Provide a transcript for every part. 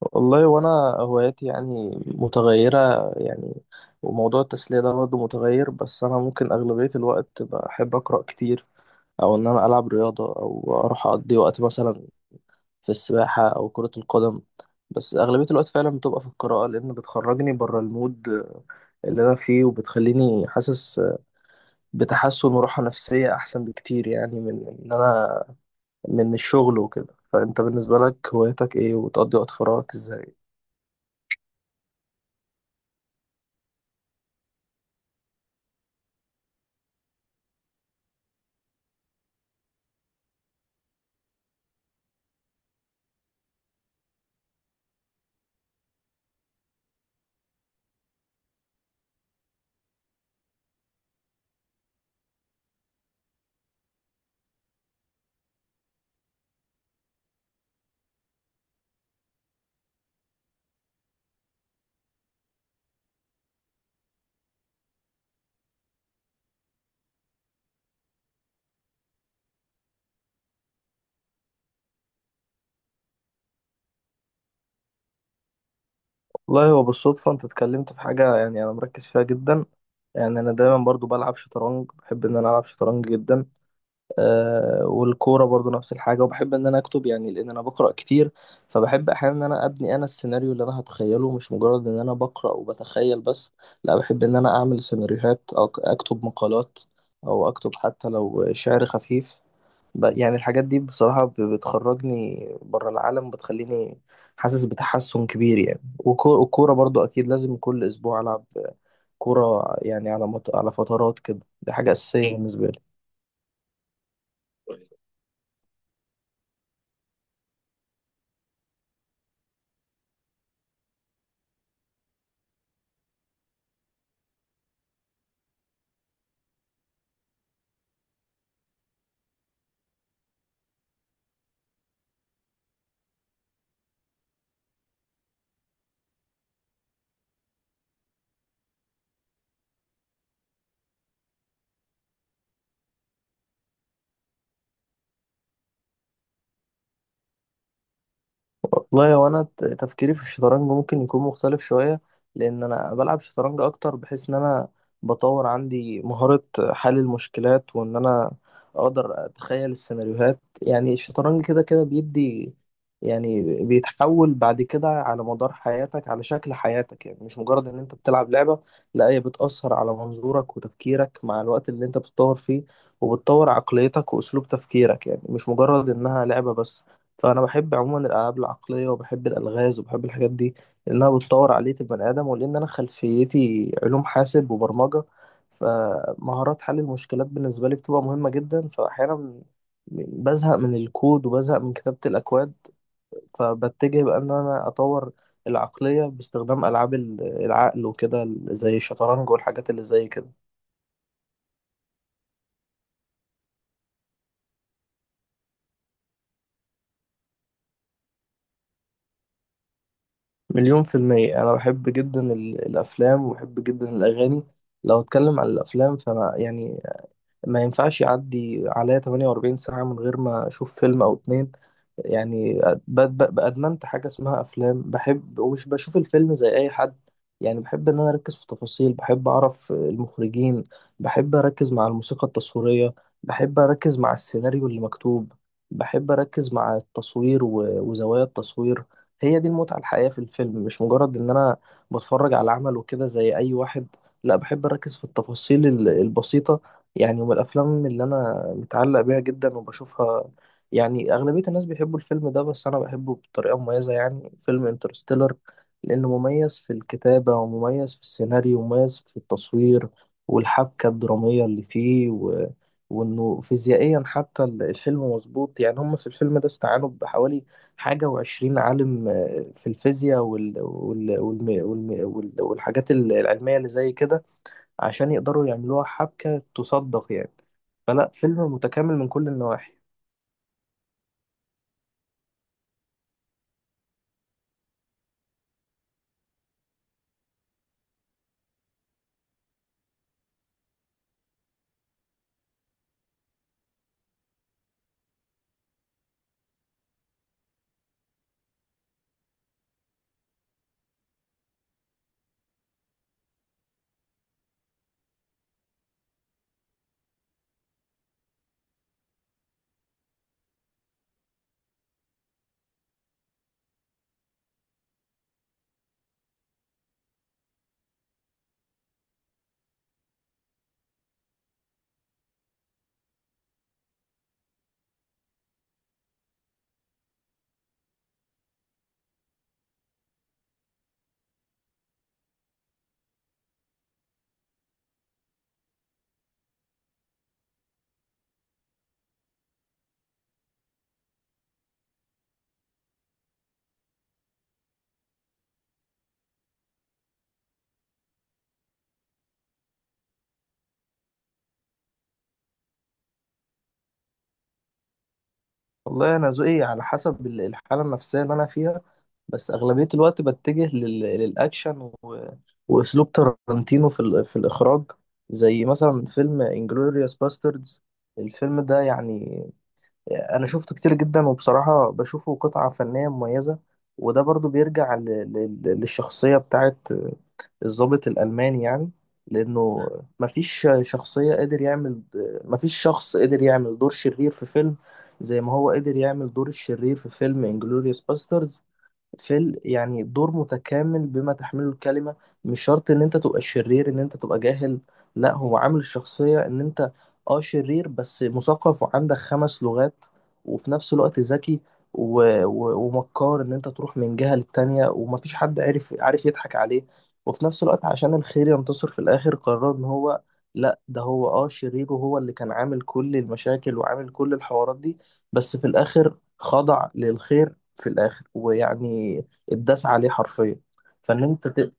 والله وانا هواياتي يعني متغيرة يعني. وموضوع التسلية ده برضه متغير، بس انا ممكن اغلبية الوقت بحب اقرأ كتير، او انا العب رياضة، او اروح اقضي وقت مثلا في السباحة او كرة القدم. بس اغلبية الوقت فعلا بتبقى في القراءة، لان بتخرجني بره المود اللي انا فيه، وبتخليني حاسس بتحسن وراحة نفسية احسن بكتير، يعني من ان انا من الشغل وكده. فانت بالنسبة لك هوايتك ايه، وتقضي وقت فراغك ازاي؟ والله هو بالصدفة انت اتكلمت في حاجة يعني انا مركز فيها جدا. يعني انا دايما برضو بلعب شطرنج، بحب ان انا العب شطرنج جدا. آه، والكورة برضو نفس الحاجة، وبحب ان انا اكتب يعني، لان انا بقرأ كتير. فبحب احيانا ان انا ابني انا السيناريو اللي انا هتخيله، مش مجرد ان انا بقرأ وبتخيل بس. لا، بحب ان انا اعمل سيناريوهات او اكتب مقالات، او اكتب حتى لو شعر خفيف. يعني الحاجات دي بصراحة بتخرجني بره العالم، بتخليني حاسس بتحسن كبير يعني. والكورة برضو أكيد لازم كل أسبوع ألعب كورة يعني، على على فترات كده. دي حاجة أساسية بالنسبة لي. والله هو انا تفكيري في الشطرنج ممكن يكون مختلف شويه، لان انا بلعب شطرنج اكتر، بحيث ان انا بطور عندي مهاره حل المشكلات، وان انا اقدر اتخيل السيناريوهات. يعني الشطرنج كده كده بيدي، يعني بيتحول بعد كده على مدار حياتك على شكل حياتك، يعني مش مجرد ان انت بتلعب لعبه. لا، هي بتأثر على منظورك وتفكيرك مع الوقت اللي انت بتطور فيه، وبتطور عقليتك واسلوب تفكيرك، يعني مش مجرد انها لعبه بس. فانا بحب عموما الالعاب العقليه، وبحب الالغاز، وبحب الحاجات دي، لانها بتطور عقليه البني ادم. ولان انا خلفيتي علوم حاسب وبرمجه، فمهارات حل المشكلات بالنسبه لي بتبقى مهمه جدا. فاحيانا بزهق من الكود، وبزهق من كتابه الاكواد، فبتجه بقى ان انا اطور العقليه باستخدام العاب العقل وكده، زي الشطرنج والحاجات اللي زي كده. 1000000%، أنا بحب جدا الأفلام، وبحب جدا الأغاني. لو اتكلم عن الافلام، فانا يعني ما ينفعش يعدي عليا 48 ساعة من غير ما أشوف فيلم أو اتنين. يعني أدمنت حاجة اسمها أفلام بحب. ومش بشوف الفيلم زي أي حد، يعني بحب إن أنا أركز في التفاصيل. بحب أعرف المخرجين، بحب أركز مع الموسيقى التصويرية، بحب أركز مع السيناريو اللي مكتوب، بحب أركز مع التصوير وزوايا التصوير. هي دي المتعة الحقيقية في الفيلم، مش مجرد إن أنا بتفرج على عمل وكده زي أي واحد. لا، بحب أركز في التفاصيل البسيطة. يعني من الافلام اللي انا متعلق بيها جدا وبشوفها، يعني اغلبيه الناس بيحبوا الفيلم ده، بس انا بحبه بطريقه مميزه، يعني فيلم انترستيلر. لانه مميز في الكتابه، ومميز في السيناريو، ومميز في التصوير، والحبكه الدراميه اللي فيه وانه فيزيائيا حتى الفيلم مظبوط. يعني هم في الفيلم ده استعانوا بحوالي 21 عالم في الفيزياء والحاجات العلميه اللي زي كده، عشان يقدروا يعملوها حبكة تصدق يعني. فلا، فيلم متكامل من كل النواحي. والله أنا ذوقي على حسب الحالة النفسية اللي أنا فيها. بس أغلبية الوقت بتجه للأكشن وأسلوب تارانتينو في, في الإخراج، زي مثلا فيلم انجلوريوس باستردز. الفيلم ده يعني أنا شفته كتير جدا، وبصراحة بشوفه قطعة فنية مميزة. وده برضو بيرجع للشخصية بتاعت الضابط الألماني يعني. لأنه مفيش شخصية قادر يعمل مفيش شخص قدر يعمل دور شرير في فيلم زي ما هو قدر يعمل دور الشرير في فيلم انجلوريوس باسترز. في يعني دور متكامل بما تحمله الكلمة. مش شرط ان انت تبقى شرير ان انت تبقى جاهل. لا، هو عامل الشخصية ان انت اه شرير، بس مثقف وعندك 5 لغات، وفي نفس الوقت ذكي و... ومكار ان انت تروح من جهة للتانية، ومفيش حد عارف يضحك عليه. وفي نفس الوقت عشان الخير ينتصر في الاخر، قرر ان هو لا، ده هو اه شرير، وهو اللي كان عامل كل المشاكل وعامل كل الحوارات دي. بس في الاخر خضع للخير في الاخر ويعني اتداس عليه حرفيا. فان انت ت...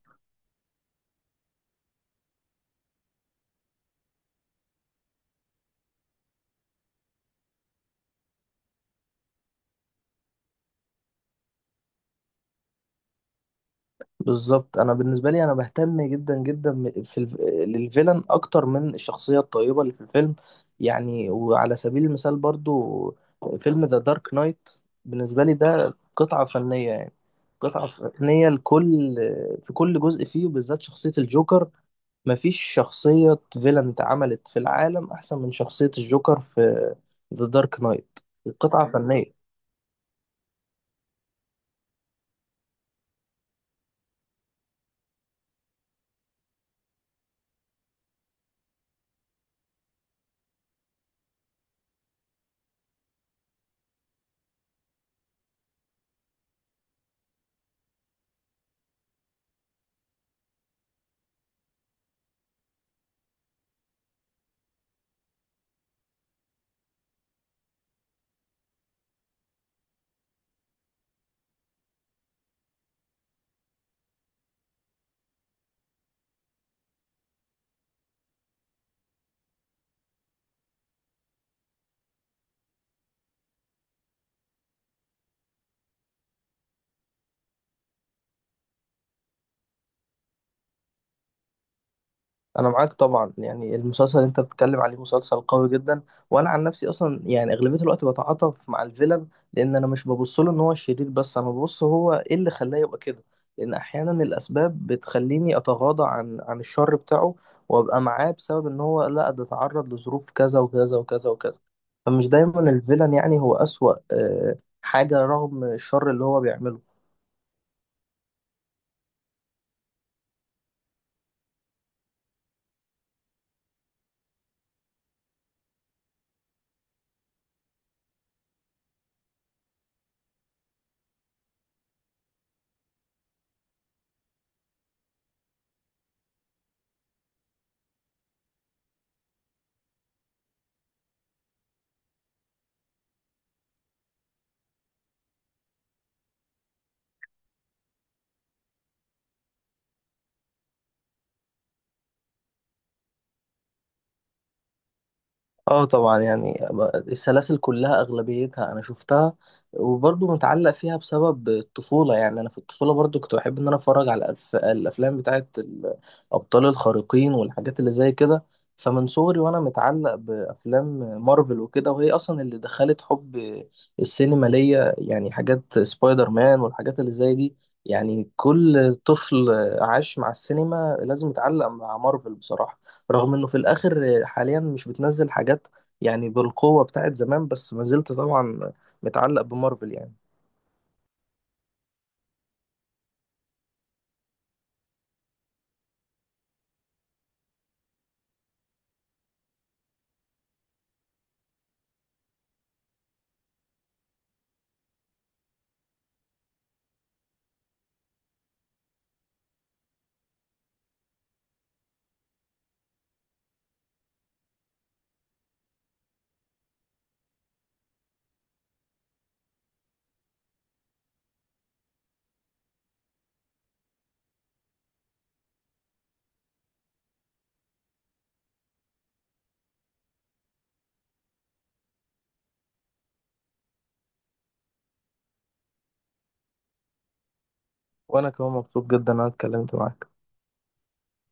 بالظبط. انا بالنسبه لي انا بهتم جدا جدا للفيلن اكتر من الشخصيه الطيبه اللي في الفيلم. يعني وعلى سبيل المثال برضو فيلم ذا دارك نايت، بالنسبه لي ده قطعه فنيه يعني. قطعه فنيه لكل في كل جزء فيه، وبالذات شخصيه الجوكر. مفيش شخصيه فيلن اتعملت في العالم احسن من شخصيه الجوكر في ذا دارك نايت. قطعه فنيه. انا معاك طبعا، يعني المسلسل اللي انت بتتكلم عليه مسلسل قوي جدا. وانا عن نفسي اصلا يعني اغلبيه الوقت بتعاطف مع الفيلن، لان انا مش ببص له ان هو شرير، بس انا ببص هو ايه اللي خلاه يبقى كده. لان احيانا الاسباب بتخليني اتغاضى عن الشر بتاعه، وابقى معاه، بسبب ان هو لا، ده اتعرض لظروف كذا وكذا وكذا وكذا. فمش دايما الفيلن يعني هو اسوأ حاجه، رغم الشر اللي هو بيعمله. اه طبعا يعني السلاسل كلها اغلبيتها انا شفتها، وبرضه متعلق فيها بسبب الطفوله. يعني انا في الطفوله برضه كنت بحب ان انا اتفرج على الافلام بتاعه الابطال الخارقين والحاجات اللي زي كده. فمن صغري وانا متعلق بافلام مارفل وكده، وهي اصلا اللي دخلت حب السينما ليا، يعني حاجات سبايدر مان والحاجات اللي زي دي. يعني كل طفل عاش مع السينما لازم يتعلق مع مارفل بصراحه. رغم انه في الاخر حاليا مش بتنزل حاجات يعني بالقوة بتاعت زمان، بس ما زلت طبعا متعلق بمارفل يعني. وانا كمان مبسوط جدا إن انا اتكلمت معاك